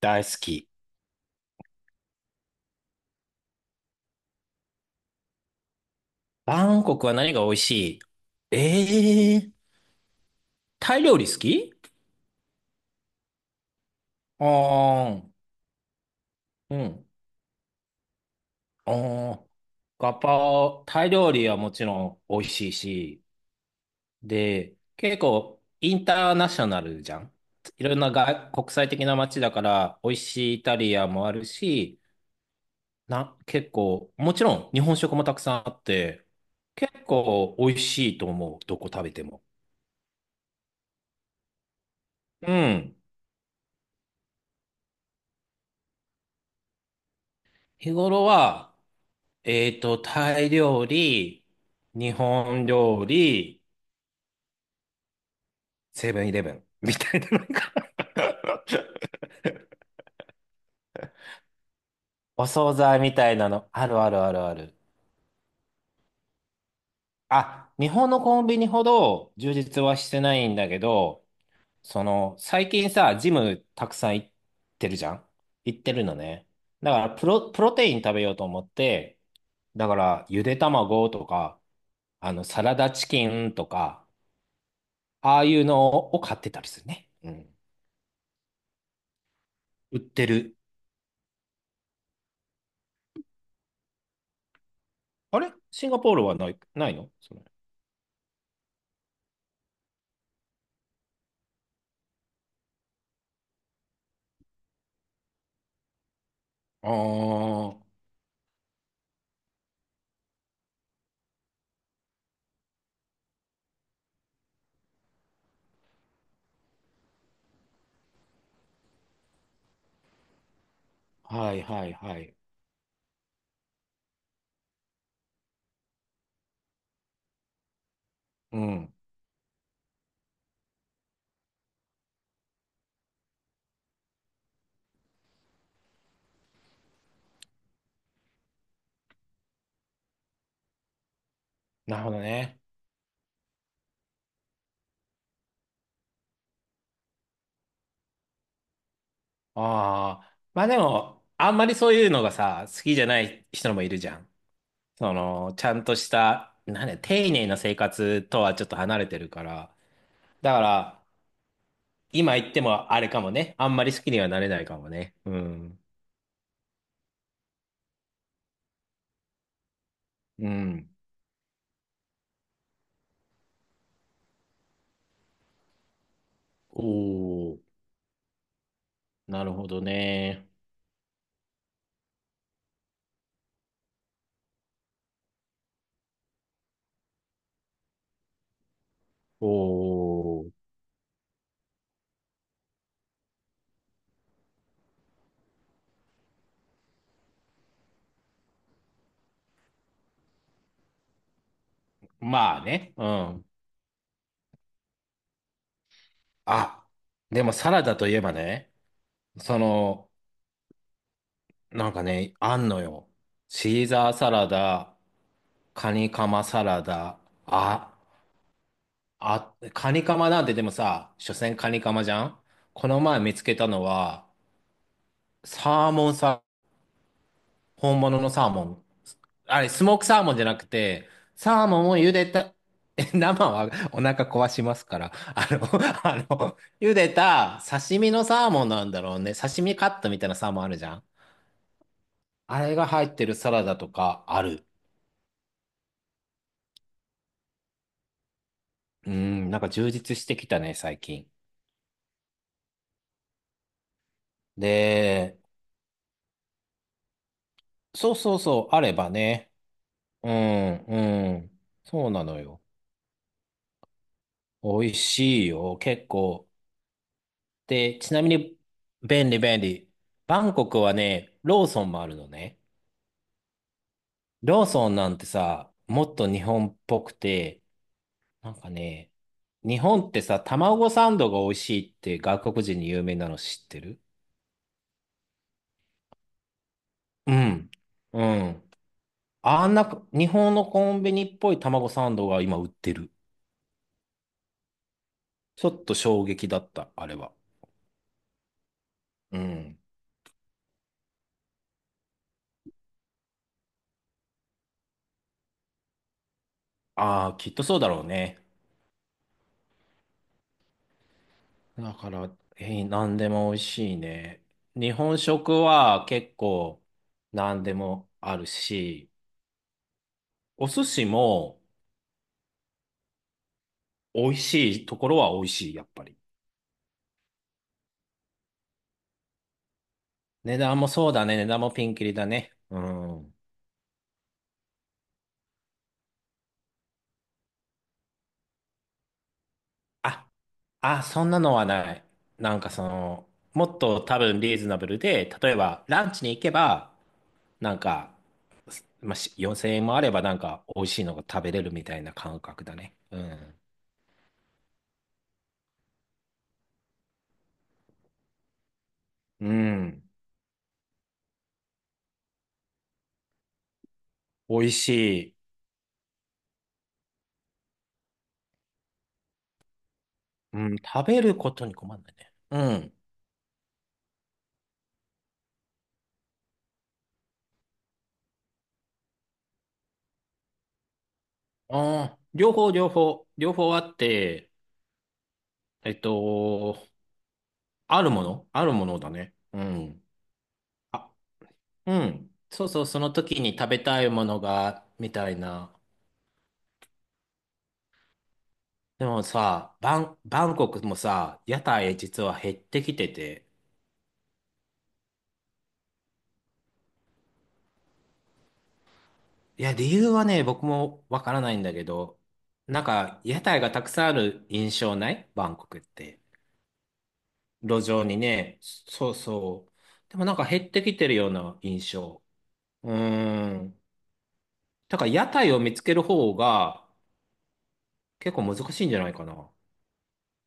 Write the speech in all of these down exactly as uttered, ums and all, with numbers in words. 大好き。バンコクは何が美味しい？えー、タイ料理好き？あー、うん。あー、ガパオ、タイ料理はもちろん美味しいし、で、結構インターナショナルじゃん。いろんな外国際的な街だから、美味しいイタリアもあるし、な、結構、もちろん日本食もたくさんあって、結構美味しいと思う、どこ食べても。うん。日頃は、えーと、タイ料理、日本料理、セブンイレブンみたいなのが お惣菜みたいなの、あるあるあるある。あ、日本のコンビニほど充実はしてないんだけど、その、最近さ、ジムたくさん行ってるじゃん、行ってるのね。だから、プロ、プロテイン食べようと思って、だから、ゆで卵とか、あの、サラダチキンとか、ああいうのを買ってたりするね。うん。売ってる。あれシンガポールはない、ないのそれ？ああ、はいはいはい。うん。なるほどね。ああ。まあでも、あんまりそういうのがさ、好きじゃない人もいるじゃん。その、ちゃんとした、なんだ、丁寧な生活とはちょっと離れてるから。だから、今言ってもあれかもね。あんまり好きにはなれないかもね。うん。うん。おお、なるほどね。おお、まあね。うん。あ、でもサラダといえばね、その、なんかね、あんのよ。シーザーサラダ、カニカマサラダ、あ、あ、カニカマなんてでもさ、所詮カニカマじゃん。この前見つけたのは、サーモンさ、本物のサーモン。あれ、スモークサーモンじゃなくて、サーモンを茹でた、え生はお腹壊しますから、あの、あの、茹でた刺身のサーモンなんだろうね。刺身カットみたいなサーモンあるじゃん。あれが入ってるサラダとかある。うん、なんか充実してきたね、最近。で、そうそうそう、あればね。うん、うん。そうなのよ。美味しいよ、結構。で、ちなみに、便利便利。バンコクはね、ローソンもあるのね。ローソンなんてさ、もっと日本っぽくて、なんかね、日本ってさ、卵サンドが美味しいって外国人に有名なの知ってる？うん。うん。あんな、日本のコンビニっぽい卵サンドが今売ってる。ちょっと衝撃だった、あれは。うん。ああ、きっとそうだろうね。だから、えー、何でも美味しいね。日本食は結構何でもあるし、お寿司も美味しいところは美味しい、やっぱり。値段もそうだね。値段もピンキリだね。うん。あ、あ、そんなのはない。なんかその、もっと多分リーズナブルで、例えばランチに行けば、なんか、まあ、しよんせんえんもあればなんか美味しいのが食べれるみたいな感覚だね。うん。うん。美味しい。うん。食べることに困んないね。うん。ああ、両方、両方、両方あって、えっと、あるものあるものだね。うん。あ、うん。そうそう、その時に食べたいものが、みたいな。でもさ、バン、バンコクもさ、屋台実は減ってきてて、いや、理由はね、僕もわからないんだけど、なんか、屋台がたくさんある印象ないバンコクって。路上にね、そうそう。でもなんか減ってきてるような印象。うーん。だから屋台を見つける方が結構難しいんじゃないかな。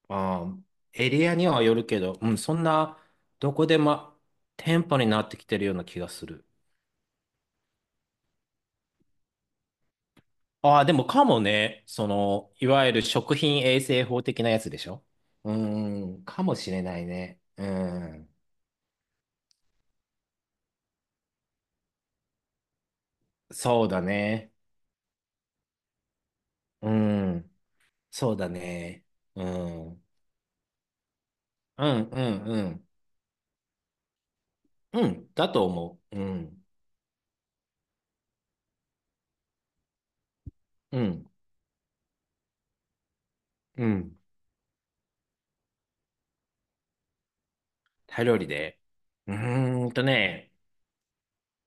あー、エリアにはよるけど、うん、そんな、どこでも店舗になってきてるような気がする。ああ、でもかもね、その、いわゆる食品衛生法的なやつでしょ？うーん、かもしれないね。うーん、そうだね。うーん、そうだね。うーん、うん、うん、うん。うん、だと思う。うん、うん、うん。タイ料理で。うーんとね、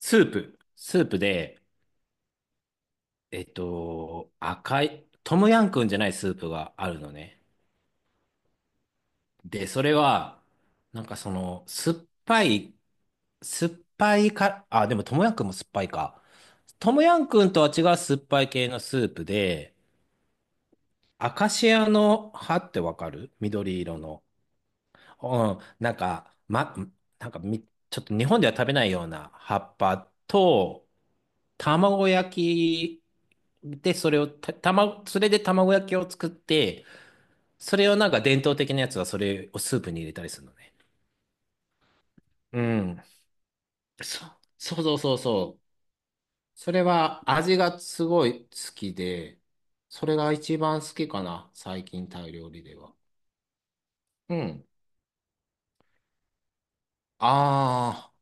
スープ。スープで、えっと、赤い、トムヤンくんじゃないスープがあるのね。で、それは、なんかその、酸っぱい、酸っぱいか、あ、でも、ともやんくんも酸っぱいか。ともやんくんとは違う酸っぱい系のスープで、アカシアの葉ってわかる？緑色の。うん、なんか、ま、なんかみ、ちょっと日本では食べないような葉っぱと、卵焼きで、それをた、卵それで卵焼きを作って、それをなんか伝統的なやつはそれをスープに入れたりするのね。うん。そ、そうそうそうそう。それは味がすごい好きで、それが一番好きかな、最近タイ料理では。うん。ああ、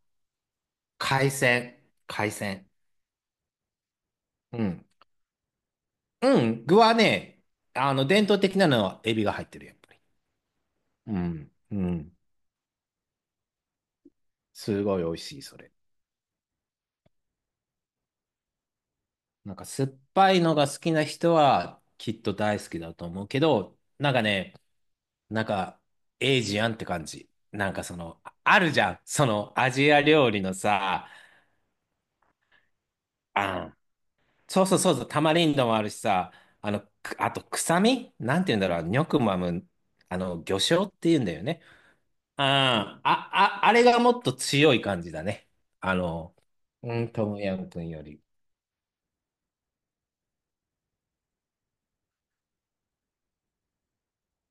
海鮮。海鮮。うん。うん。具はね、あの、伝統的なのはエビが入ってる、やっぱり。うん。うん。すごい美味しい、それ。なんか酸っぱいのが好きな人はきっと大好きだと思うけど、なんかね、なんか、エイジアンって感じ。なんかその、ああるじゃん。その、アジア料理のさ、あん。そうそうそうそう、タマリンドもあるしさ、あの、くあと、臭みなんて言うんだろう、ニョクマム、あの、魚醤って言うんだよね。あーあ、あ、あれがもっと強い感じだね。あの、うん、トムヤム君より。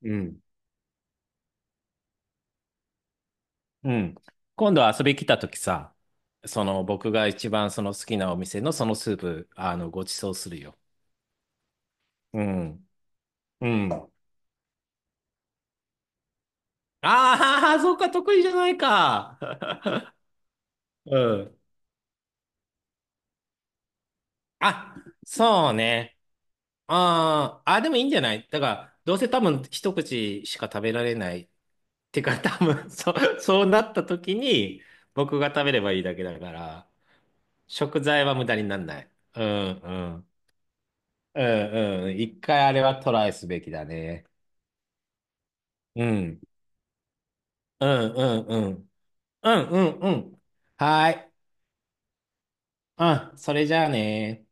うん。うん。今度遊び来た時さ、その、僕が一番その好きなお店のそのスープ、あの、ご馳走するよ。うん。うん。ああ、そうか、得意じゃないか。うん。あ、そうね。あーあ、でもいいんじゃない？だから、どうせ多分一口しか食べられない。てか、多分そう、そうなった時に、僕が食べればいいだけだから、食材は無駄になんない。うん、うん。うん、うん。一回あれはトライすべきだね。うん。うん、うん、うん。うん、うん、うん。はーい。うん、それじゃあね。